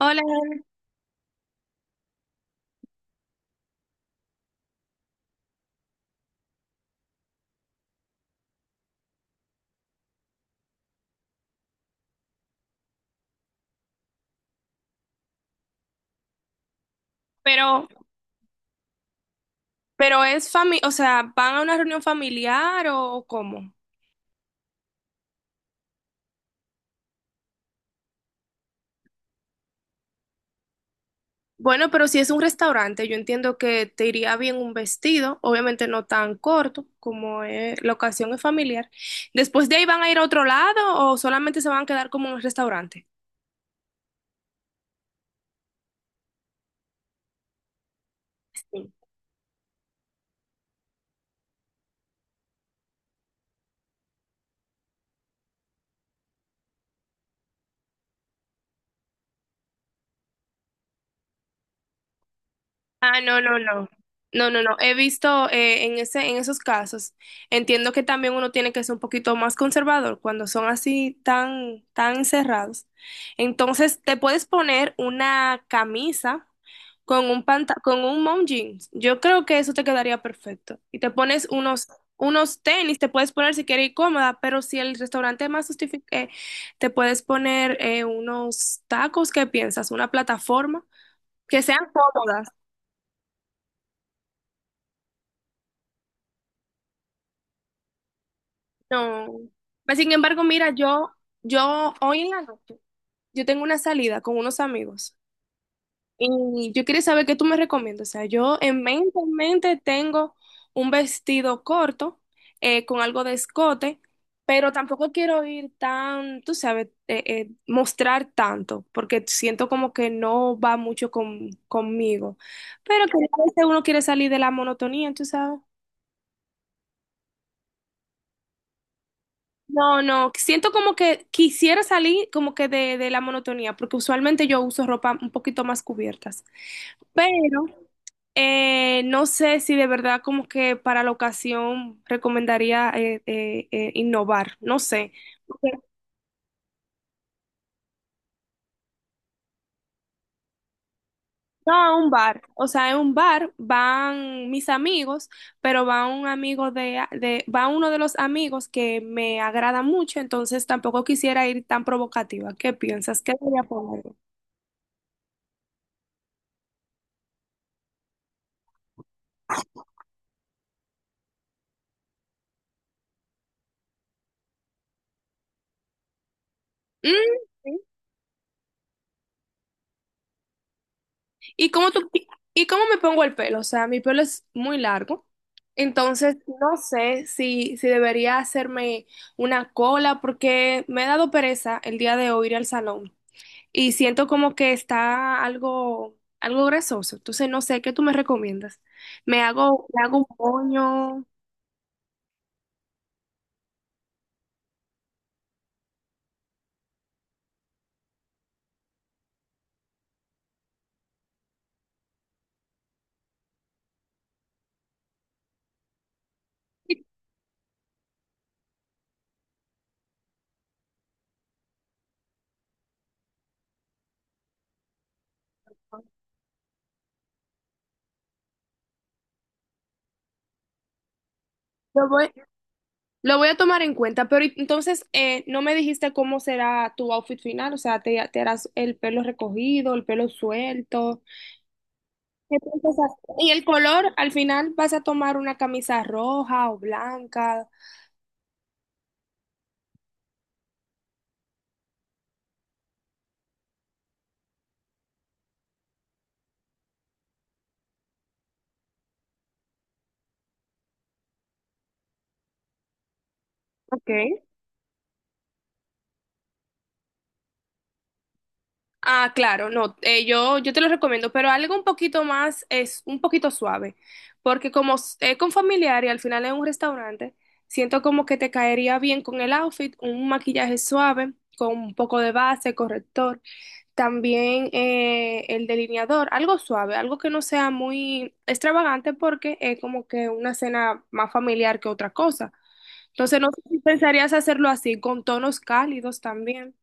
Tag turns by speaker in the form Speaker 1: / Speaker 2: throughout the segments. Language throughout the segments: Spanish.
Speaker 1: Hola, pero, pero es familia, o sea, ¿van a una reunión familiar o cómo? Bueno, pero si es un restaurante, yo entiendo que te iría bien un vestido, obviamente no tan corto como la ocasión es familiar. Después de ahí van a ir a otro lado o solamente se van a quedar como en el restaurante. Ah, no, no, no. No, no, no. He visto en en esos casos. Entiendo que también uno tiene que ser un poquito más conservador cuando son así tan, tan encerrados. Entonces, te puedes poner una camisa con un con un mom jeans. Yo creo que eso te quedaría perfecto. Y te pones unos tenis, te puedes poner si quieres ir cómoda, pero si el restaurante más justifique, te puedes poner unos tacos, ¿qué piensas? Una plataforma que sean cómodas. No. Mas, sin embargo, mira, yo hoy en la noche, yo tengo una salida con unos amigos y yo quería saber qué tú me recomiendas. O sea, yo en en mente tengo un vestido corto, con algo de escote, pero tampoco quiero ir tan, tú sabes, mostrar tanto, porque siento como que no va mucho conmigo. Pero que a veces uno quiere salir de la monotonía, tú sabes. No, no, siento como que quisiera salir como que de la monotonía, porque usualmente yo uso ropa un poquito más cubiertas, pero no sé si de verdad como que para la ocasión recomendaría innovar, no sé. Porque, No, a un bar, o sea, en un bar van mis amigos, pero va un amigo va uno de los amigos que me agrada mucho, entonces tampoco quisiera ir tan provocativa. ¿Qué piensas? ¿Qué debería poner? Mm, sí. ¿Y cómo me pongo el pelo? O sea, mi pelo es muy largo. Entonces, no sé si debería hacerme una cola porque me ha dado pereza el día de hoy ir al salón y siento como que está algo, algo grasoso. Entonces, no sé, ¿qué tú me recomiendas? ¿Me me hago un moño? Lo voy, lo voy a tomar en cuenta, pero entonces no me dijiste cómo será tu outfit final, o sea, te harás el pelo recogido, el pelo suelto. Y el color, al final vas a tomar una camisa roja o blanca. Okay. Ah, claro, no, yo te lo recomiendo, pero algo un poquito más es un poquito suave, porque como es con familiar y al final es un restaurante, siento como que te caería bien con el outfit, un maquillaje suave, con un poco de base, corrector, también el delineador, algo suave, algo que no sea muy extravagante porque es como que una cena más familiar que otra cosa. Entonces, no sé si pensarías hacerlo así, con tonos cálidos también.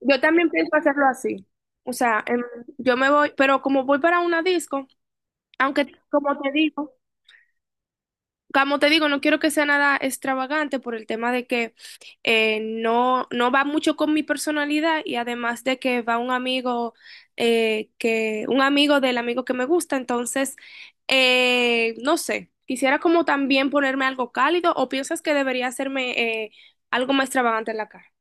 Speaker 1: Yo también pienso hacerlo así. O sea, yo me voy, pero como voy para una disco, aunque como te digo, como te digo, no quiero que sea nada extravagante por el tema de que no, no va mucho con mi personalidad y además de que va un amigo un amigo del amigo que me gusta, entonces no sé, quisiera como también ponerme algo cálido o piensas que debería hacerme algo más extravagante en la cara.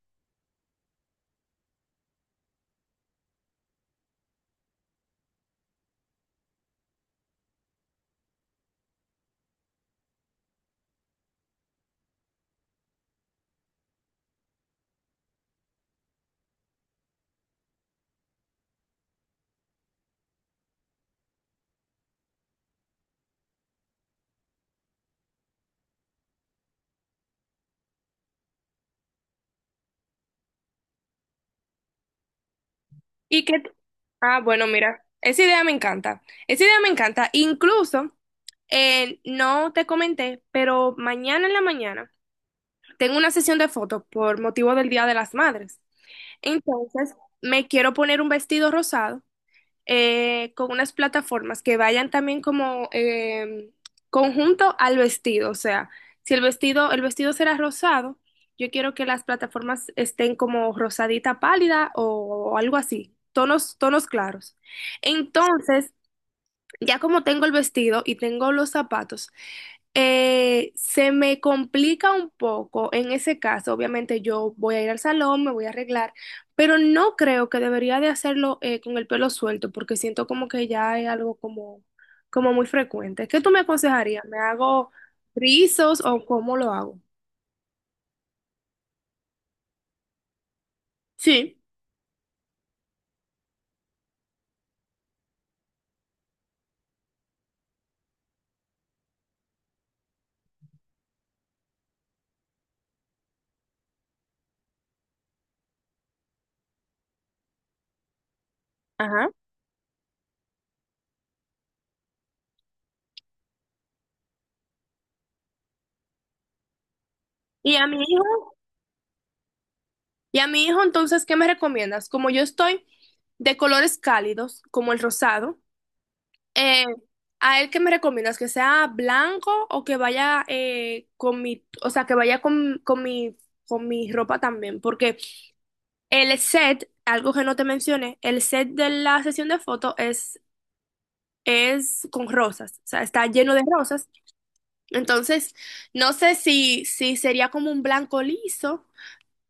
Speaker 1: Y que, ah, bueno, mira, esa idea me encanta, esa idea me encanta, incluso no te comenté, pero mañana en la mañana. Tengo una sesión de fotos por motivo del Día de las Madres. Entonces, me quiero poner un vestido rosado con unas plataformas que vayan también como conjunto al vestido. O sea, si el el vestido será rosado, yo quiero que las plataformas estén como rosadita pálida o algo así, tonos claros. Entonces, ya como tengo el vestido y tengo los zapatos, se me complica un poco en ese caso, obviamente yo voy a ir al salón, me voy a arreglar, pero no creo que debería de hacerlo con el pelo suelto porque siento como que ya es algo como muy frecuente. ¿Qué tú me aconsejarías? ¿Me hago rizos o cómo lo hago? Sí. Ajá. ¿Y a mi hijo? ¿Y a mi hijo entonces qué me recomiendas? Como yo estoy de colores cálidos, como el rosado. Eh, ¿A él qué me recomiendas? ¿Que sea blanco o que vaya o sea, que vaya con con mi ropa también? Porque el set, algo que no te mencioné, el set de la sesión de fotos es con rosas, o sea, está lleno de rosas. Entonces, no sé si sería como un blanco liso,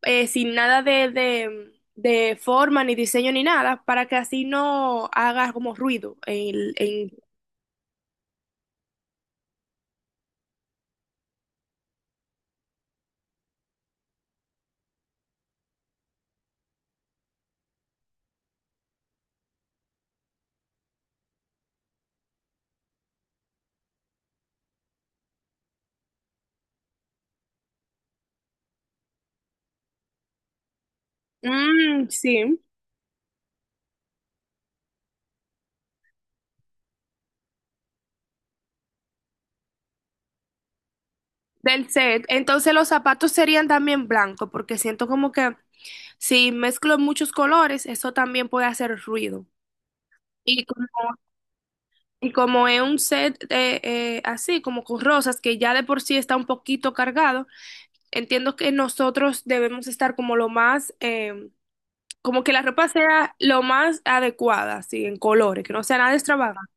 Speaker 1: sin nada de forma, ni diseño, ni nada, para que así no haga como ruido en... Mm, sí. Del set. Entonces los zapatos serían también blancos, porque siento como que si mezclo muchos colores, eso también puede hacer ruido. Y como, y como es un set así, como con rosas, que ya de por sí está un poquito cargado, entiendo que nosotros debemos estar como lo más, como que la ropa sea lo más adecuada, así, en colores, que no sea nada extravagante.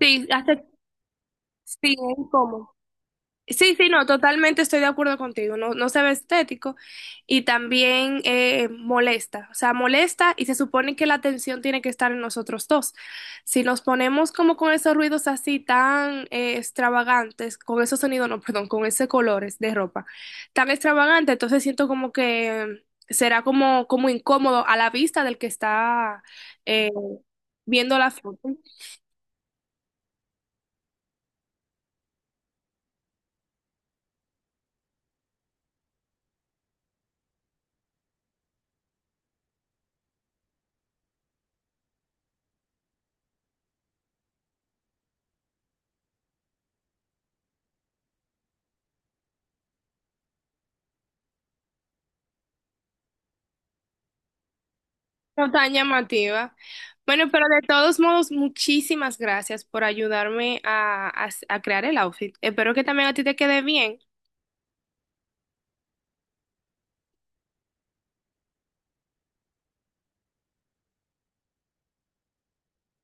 Speaker 1: Sí, hace, sí, es incómodo. Sí, sí, no, totalmente estoy de acuerdo contigo. No, no se ve estético y también molesta. O sea, molesta y se supone que la atención tiene que estar en nosotros dos. Si nos ponemos como con esos ruidos así tan extravagantes, con esos sonidos, no, perdón, con esos colores de ropa tan extravagante, entonces siento como que será como incómodo a la vista del que está eh, viendo la foto. No tan llamativa. Bueno, pero de todos modos, muchísimas gracias por ayudarme a crear el outfit. Espero que también a ti te quede bien.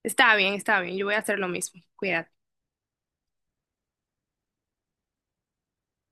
Speaker 1: Está bien, está bien. Yo voy a hacer lo mismo. Cuídate.